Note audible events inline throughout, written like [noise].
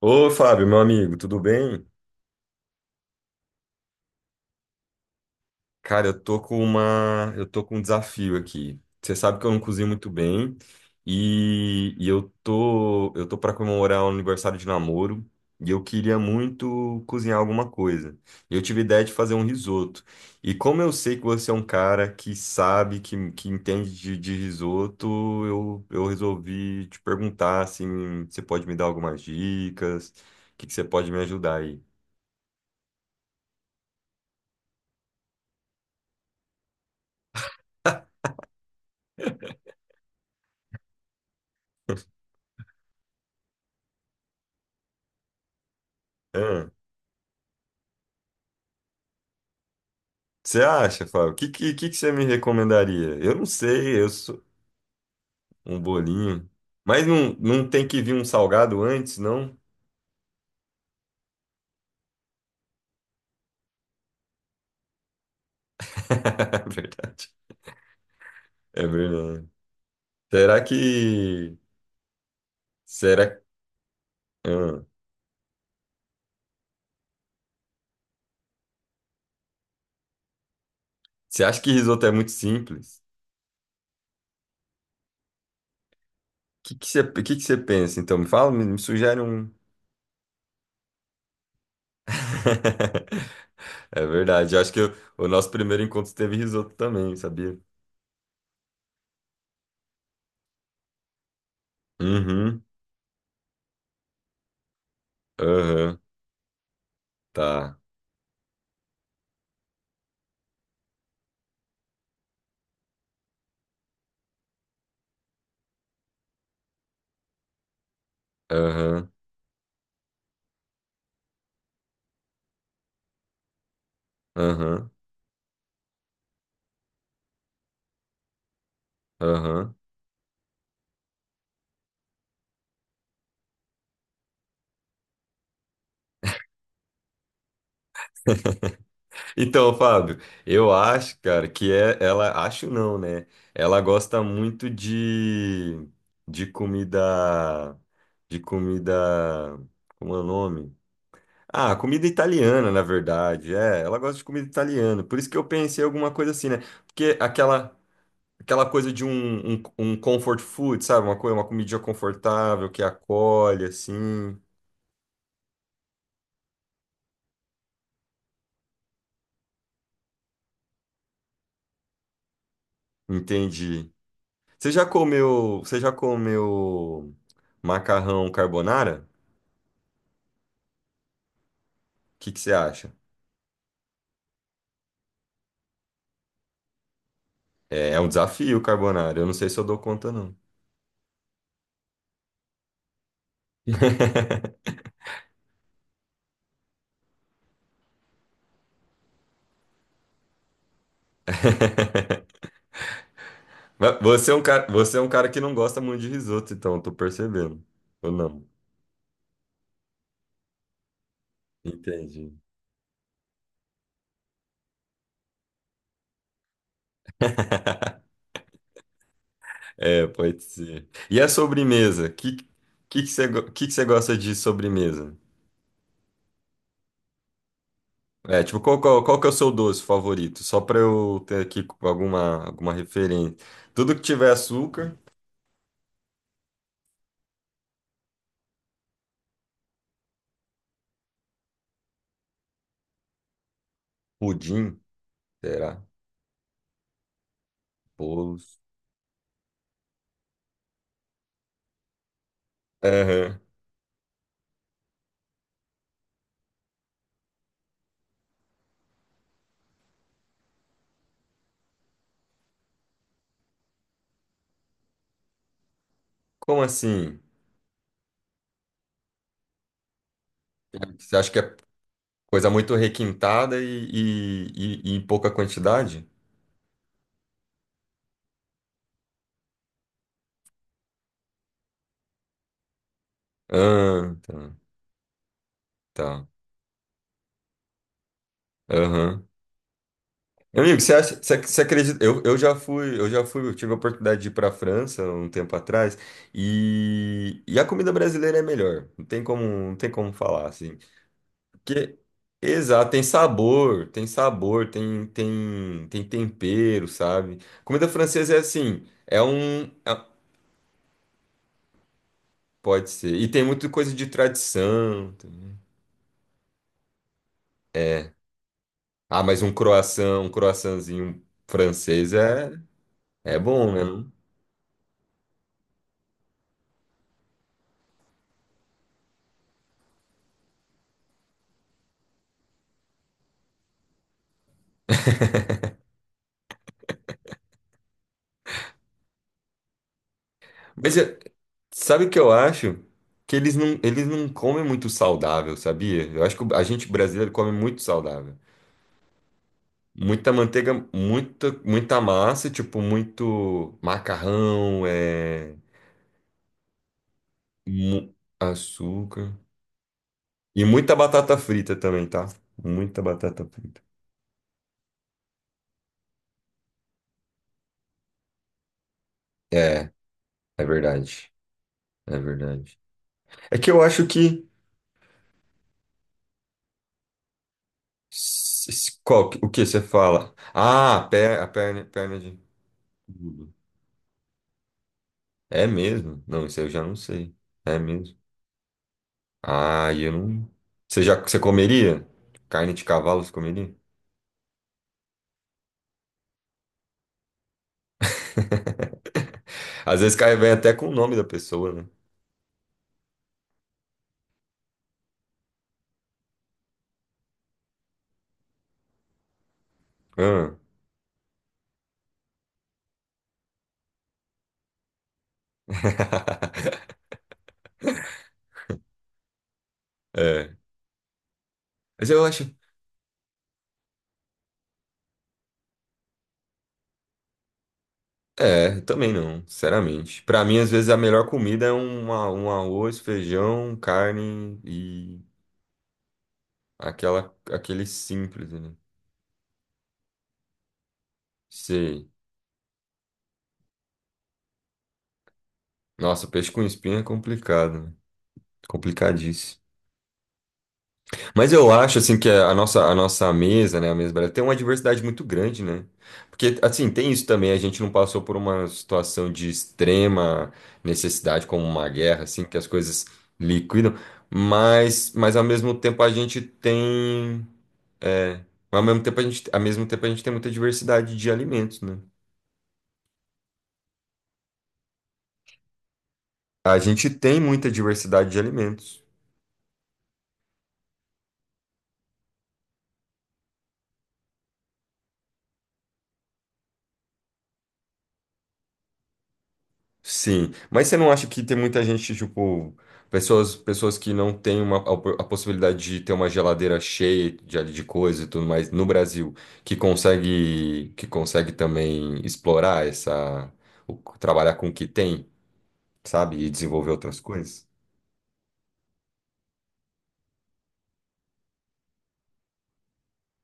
Ô, Fábio, meu amigo, tudo bem? Cara, eu tô com um desafio aqui. Você sabe que eu não cozinho muito bem e eu tô para comemorar o aniversário de namoro e eu queria muito cozinhar alguma coisa. E eu tive ideia de fazer um risoto. E como eu sei que você é um cara que sabe, que entende de risoto, eu resolvi te perguntar assim, você pode me dar algumas dicas? O que você pode me ajudar aí? [laughs] Você acha, Fábio? O que, que, que você me recomendaria? Eu não sei, eu sou um bolinho. Mas não, não tem que vir um salgado antes, não? [laughs] É verdade. É verdade. Será que. Será. Ah, você acha que risoto é muito simples? O que, que, você, que você pensa? Então, me fala, me sugere um. [laughs] É verdade. Eu acho que eu- o nosso primeiro encontro teve risoto também, sabia? Uhum. Aham. Tá. Aham. Aham. Aham. Então, Fábio, eu acho, cara, que é, ela, acho não, né? Ela gosta muito de comida, de comida, como é o nome? Ah, comida italiana, na verdade, é, ela gosta de comida italiana, por isso que eu pensei alguma coisa assim, né? Porque aquela, aquela coisa de um comfort food, sabe? Uma coisa, uma comidinha confortável, que acolhe, assim, entendi. Você já comeu macarrão carbonara? O que que você acha? É, é um desafio, carbonara. Eu não sei se eu dou conta, não. [laughs] Mas você é um cara, você é um cara que não gosta muito de risoto, então, eu tô percebendo. Ou não? Entendi. É, pode ser. E a sobremesa? Que você, go- que você gosta de sobremesa? É, tipo, qual, qual, qual que é o seu doce favorito? Só pra eu ter aqui alguma, alguma referência. Tudo que tiver açúcar, pudim, será? Bolos. Aham. Como assim? Você acha que é coisa muito requintada e em pouca quantidade? Ah, tá. Tá. Aham. Amigo, você acha, você, você acredita? Eu já fui, eu já fui, eu tive a oportunidade de ir para a França um tempo atrás e a comida brasileira é melhor. Não tem como, não tem como falar assim. Porque, exato, tem sabor, tem sabor, tem tempero, sabe? Comida francesa é assim, é um, é- pode ser. E tem muita coisa de tradição. Ah, mas um croissant, um croissantzinho francês é, é bom, né? Mas é- sabe o que eu acho? Que eles não comem muito saudável, sabia? Eu acho que a gente brasileiro come muito saudável. Muita manteiga, muita, muita massa, tipo, muito macarrão, é, mu- açúcar. E muita batata frita também, tá? Muita batata frita. É, é verdade. É verdade. É que eu acho que s- s- qual, que- o que você fala? Ah, a per, a perna, perna de tudo. É mesmo? Não, isso aí eu já não sei. É mesmo? Ah, eu não. Você já, você comeria? Carne de cavalo, você comeria? [laughs] Às vezes cai vem até com o nome da pessoa, né? Ah. [laughs] É. Mas eu acho. É, também não, sinceramente. Pra mim, às vezes, a melhor comida é um, a- um arroz, feijão, carne e aquela, aquele simples, né? Sei. Nossa, peixe com espinha é complicado, né? Complicadíssimo. Mas eu acho, assim, que a nossa mesa, né, a mesa brasileira, tem uma diversidade muito grande, né? Porque, assim, tem isso também, a gente não passou por uma situação de extrema necessidade, como uma guerra, assim, que as coisas liquidam, mas ao mesmo tempo a gente tem, é, ao mesmo tempo a gente, ao mesmo tempo a gente tem muita diversidade de alimentos, né? A gente tem muita diversidade de alimentos. Sim, mas você não acha que tem muita gente, tipo, pessoas, pessoas que não têm uma, a, opor- a possibilidade de ter uma geladeira cheia de coisa e tudo mais no Brasil, que consegue também explorar essa, o- trabalhar com o que tem, sabe? E desenvolver outras coisas?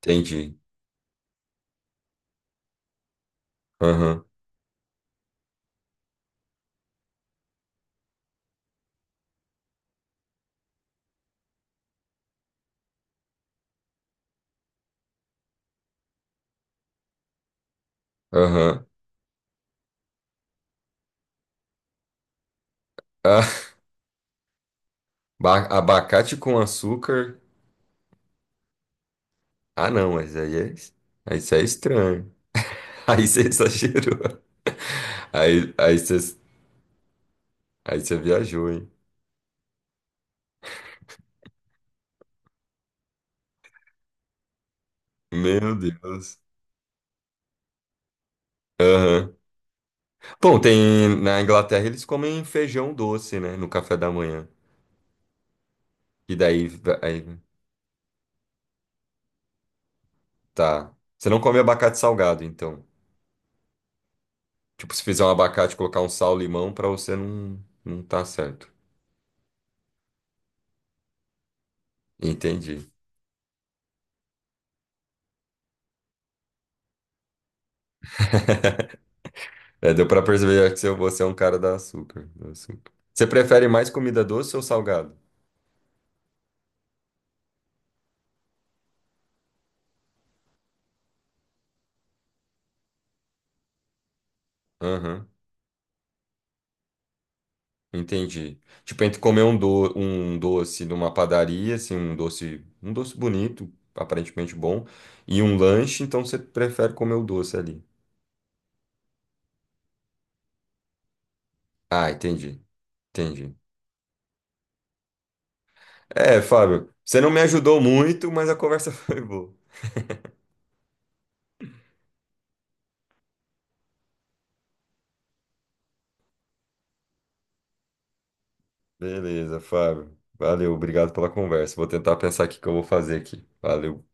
Entendi. Aham, aham. Ah, [laughs] ba- abacate com açúcar. Ah, não, mas aí é, aí isso é estranho. [laughs] Aí você exagerou. [laughs] Aí, aí você viajou, hein? Meu Deus. Aham. Bom, tem na Inglaterra eles comem feijão doce, né, no café da manhã. E daí aí, tá. Você não come abacate salgado, então. Tipo, se fizer um abacate, colocar um sal, limão, pra você não não tá certo. Entendi. [laughs] É, deu pra perceber que você você é um cara da açúcar, do açúcar. Você prefere mais comida doce ou salgado? Aham. Entendi. Tipo, entre comer um, do, um doce numa padaria, assim, um doce bonito, aparentemente bom, e um lanche, então você prefere comer o doce ali. Ah, entendi. Entendi. É, Fábio, você não me ajudou muito, mas a conversa [laughs] foi boa. Beleza, Fábio. Valeu, obrigado pela conversa. Vou tentar pensar aqui o que eu vou fazer aqui. Valeu.